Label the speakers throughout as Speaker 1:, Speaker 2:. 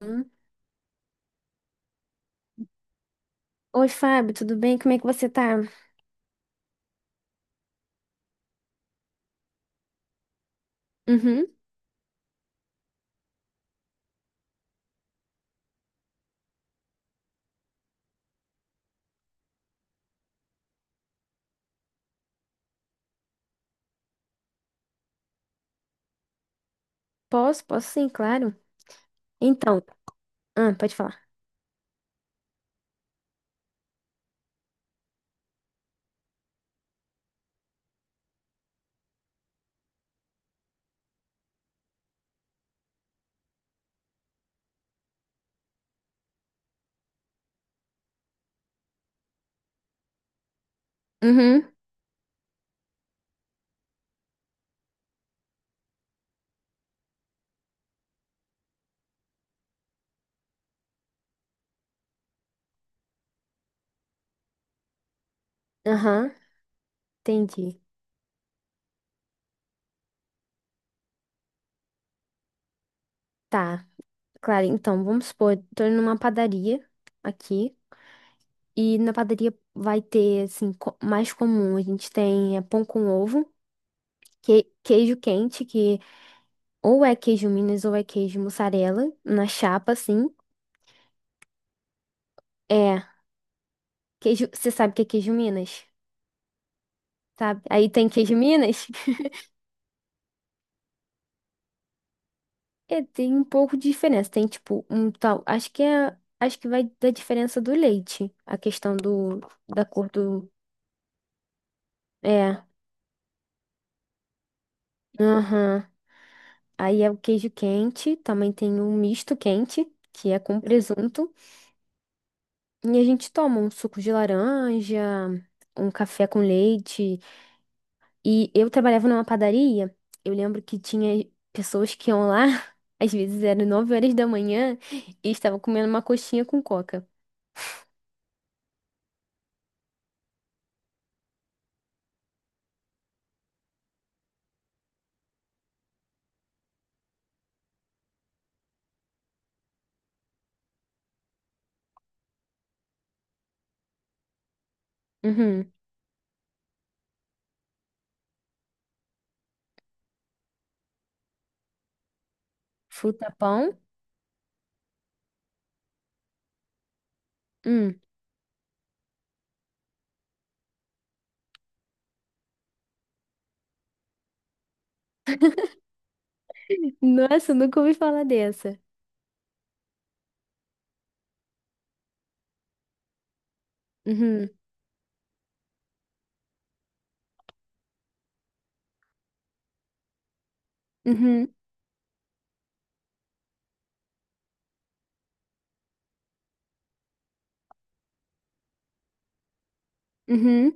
Speaker 1: Hum. Oi, Fábio, tudo bem? Como é que você tá? Uhum. Posso? Posso sim, claro. Então, pode falar. Uhum. Aham, entendi. Tá, claro. Então, vamos supor, tô indo numa padaria aqui e na padaria vai ter, assim, mais comum. A gente tem pão com ovo, queijo quente, que ou é queijo Minas ou é queijo mussarela, na chapa, assim. É, queijo, você sabe o que é queijo Minas, sabe? Aí tem queijo Minas? É, tem um pouco de diferença. Tem tipo um tal. Acho que é. Acho que vai da diferença do leite. A questão do, da cor do. É. Aham. Aí é o queijo quente. Também tem um misto quente, que é com presunto. E a gente toma um suco de laranja, um café com leite. E eu trabalhava numa padaria. Eu lembro que tinha pessoas que iam lá. Às vezes eram 9 horas da manhã e estavam comendo uma coxinha com coca. Uhum. Fruta pão. Hum. Nossa, nunca ouvi falar dessa. Uhum, uhum, uhum,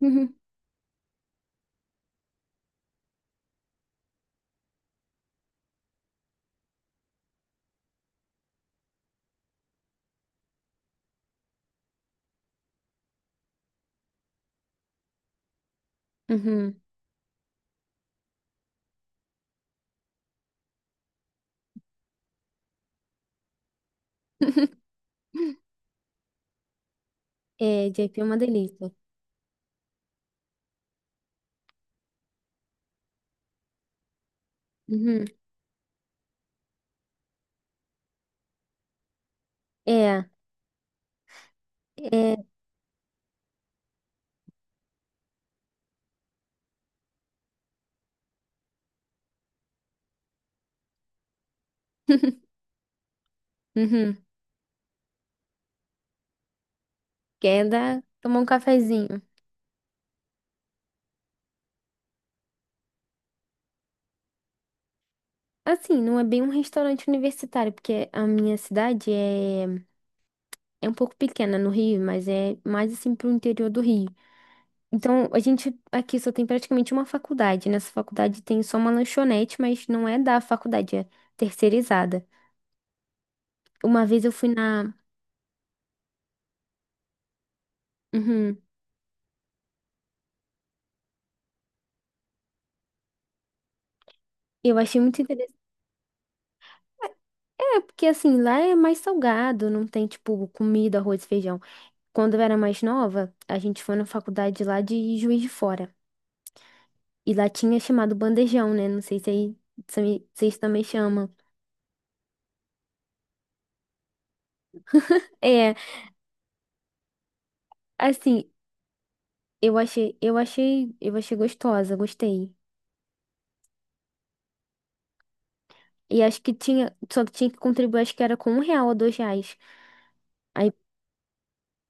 Speaker 1: uhum, uhum. É, JP é uma delícia. Uhum. É, é. Uhum. Quer dar, tomar um cafezinho. Assim, não é bem um restaurante universitário, porque a minha cidade é, é um pouco pequena no Rio, mas é mais assim pro interior do Rio. Então, a gente aqui só tem praticamente uma faculdade. Nessa faculdade tem só uma lanchonete, mas não é da faculdade, é terceirizada. Uma vez eu fui na. Uhum. Eu achei muito interessante. É, é, porque assim, lá é mais salgado, não tem, tipo, comida, arroz e feijão. Quando eu era mais nova, a gente foi na faculdade lá de Juiz de Fora. E lá tinha chamado bandejão, né? Não sei se aí vocês também chamam. É, assim, eu achei gostosa, gostei. E acho que tinha, só que tinha que contribuir, acho que era com R$ 1 ou R$ 2. Aí,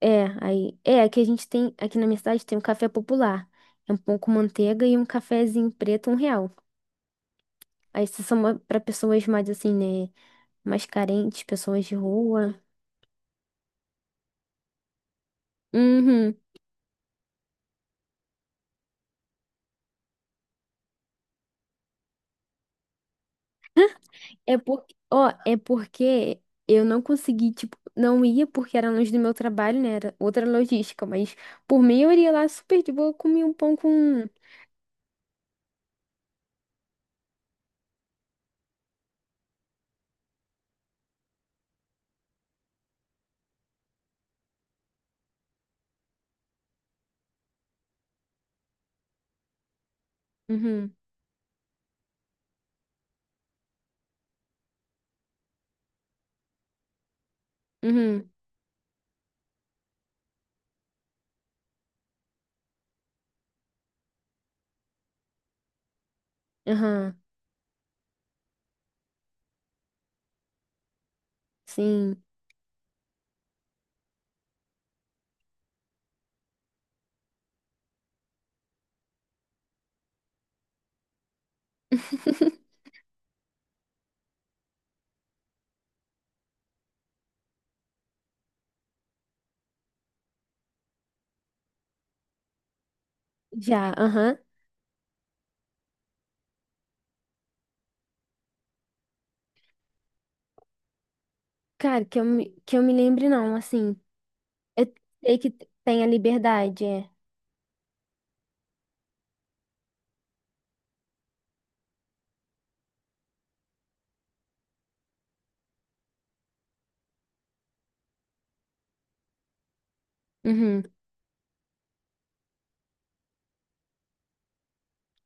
Speaker 1: aqui a gente tem, aqui na minha cidade tem um café popular. É um pão com manteiga e um cafezinho preto, R$ 1. Aí isso são pessoas mais assim, né? Mais carentes, pessoas de rua. Uhum. É porque ó, é porque eu não consegui, tipo, não ia porque era longe do meu trabalho, né? Era outra logística, mas por mim eu iria lá super de boa, comia um pão com. Uhum, uhum, aham, sim. Já, aham. Cara, que eu, que eu me lembre, não, assim. Eu sei que tem a liberdade, é. Uhum.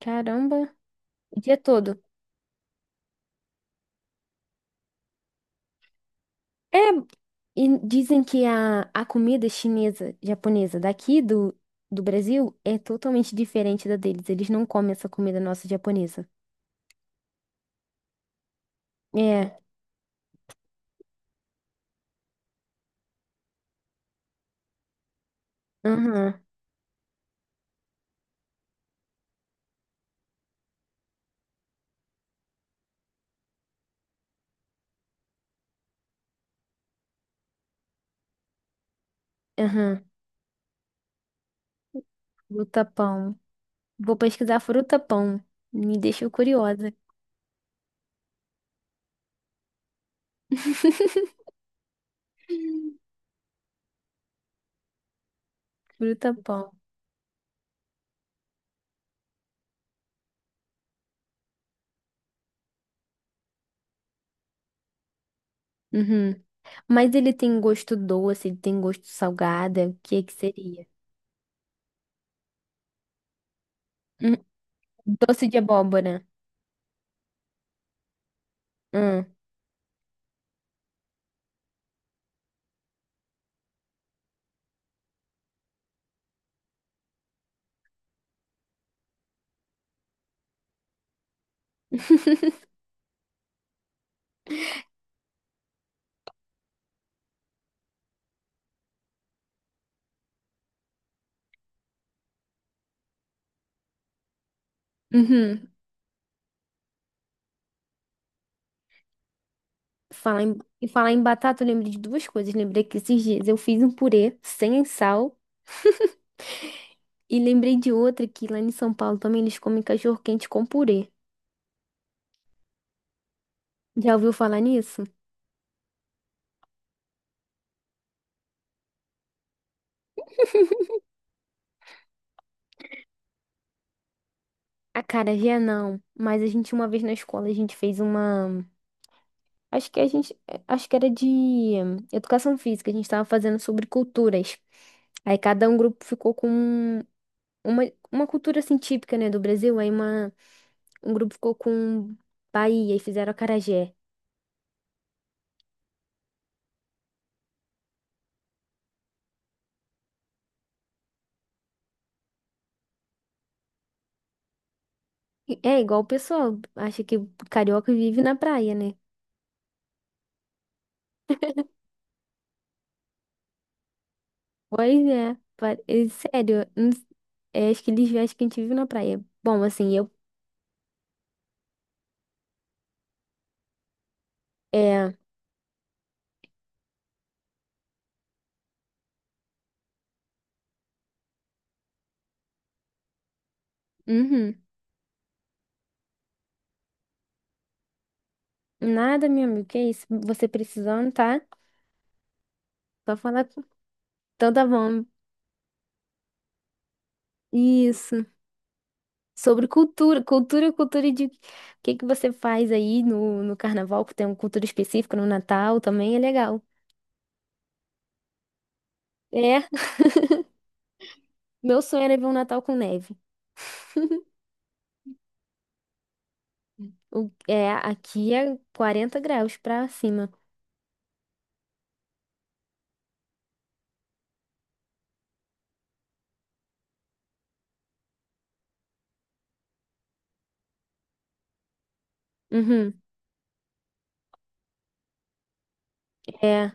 Speaker 1: Caramba, o dia todo. É, e dizem que a comida chinesa, japonesa daqui do, do Brasil é totalmente diferente da deles. Eles não comem essa comida nossa japonesa. É, aham, aham, fruta pão. Vou pesquisar fruta pão. Me deixou curiosa. Fruta pão. Uhum. Mas ele tem gosto doce, ele tem gosto salgado. O que que seria? Hum, Doce de abóbora. Hum. Uhum. Falar em, e falar em batata, eu lembrei de duas coisas. Lembrei que esses dias eu fiz um purê sem sal. E lembrei de outra que lá em São Paulo também eles comem cachorro-quente com purê. Já ouviu falar nisso? Acarajé não, mas a gente uma vez na escola a gente fez uma, acho que a gente, acho que era de educação física, a gente estava fazendo sobre culturas. Aí cada um grupo ficou com uma, uma cultura assim típica, né, do Brasil, aí uma um grupo ficou com Bahia e fizeram acarajé. É igual o pessoal acha que carioca vive na praia, né? Pois é, é sério, não s- é, acho que eles acham que a gente vive na praia. Bom, assim, eu. É. Uhum. Nada, meu amigo, que é isso? Você precisando, tá? Só falar. Então tá bom. Isso. Sobre cultura, cultura, cultura de. O que que você faz aí no, no carnaval, que tem uma cultura específica no Natal também é legal. É, meu sonho era ver um Natal com neve. O, é, aqui é 40 graus pra cima. Uhum. É,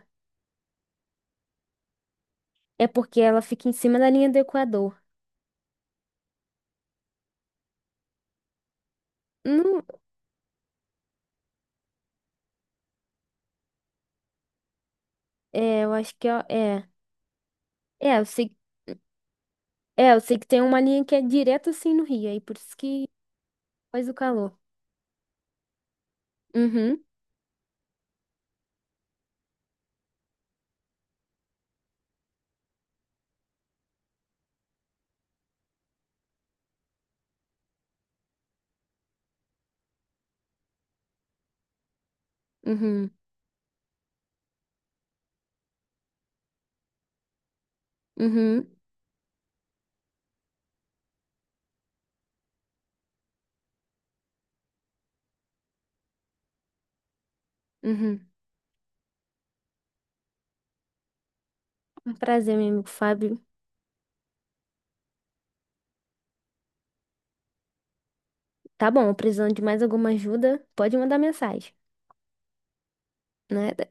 Speaker 1: é porque ela fica em cima da linha do Equador. Não, é, eu acho que é, é, é, eu sei, é, eu sei que tem uma linha que é direto assim no Rio, aí por isso que faz o calor. Uhum, uhum, uhum, uhum. Um prazer, meu amigo Fábio. Tá bom, precisando de mais alguma ajuda, pode mandar mensagem, né?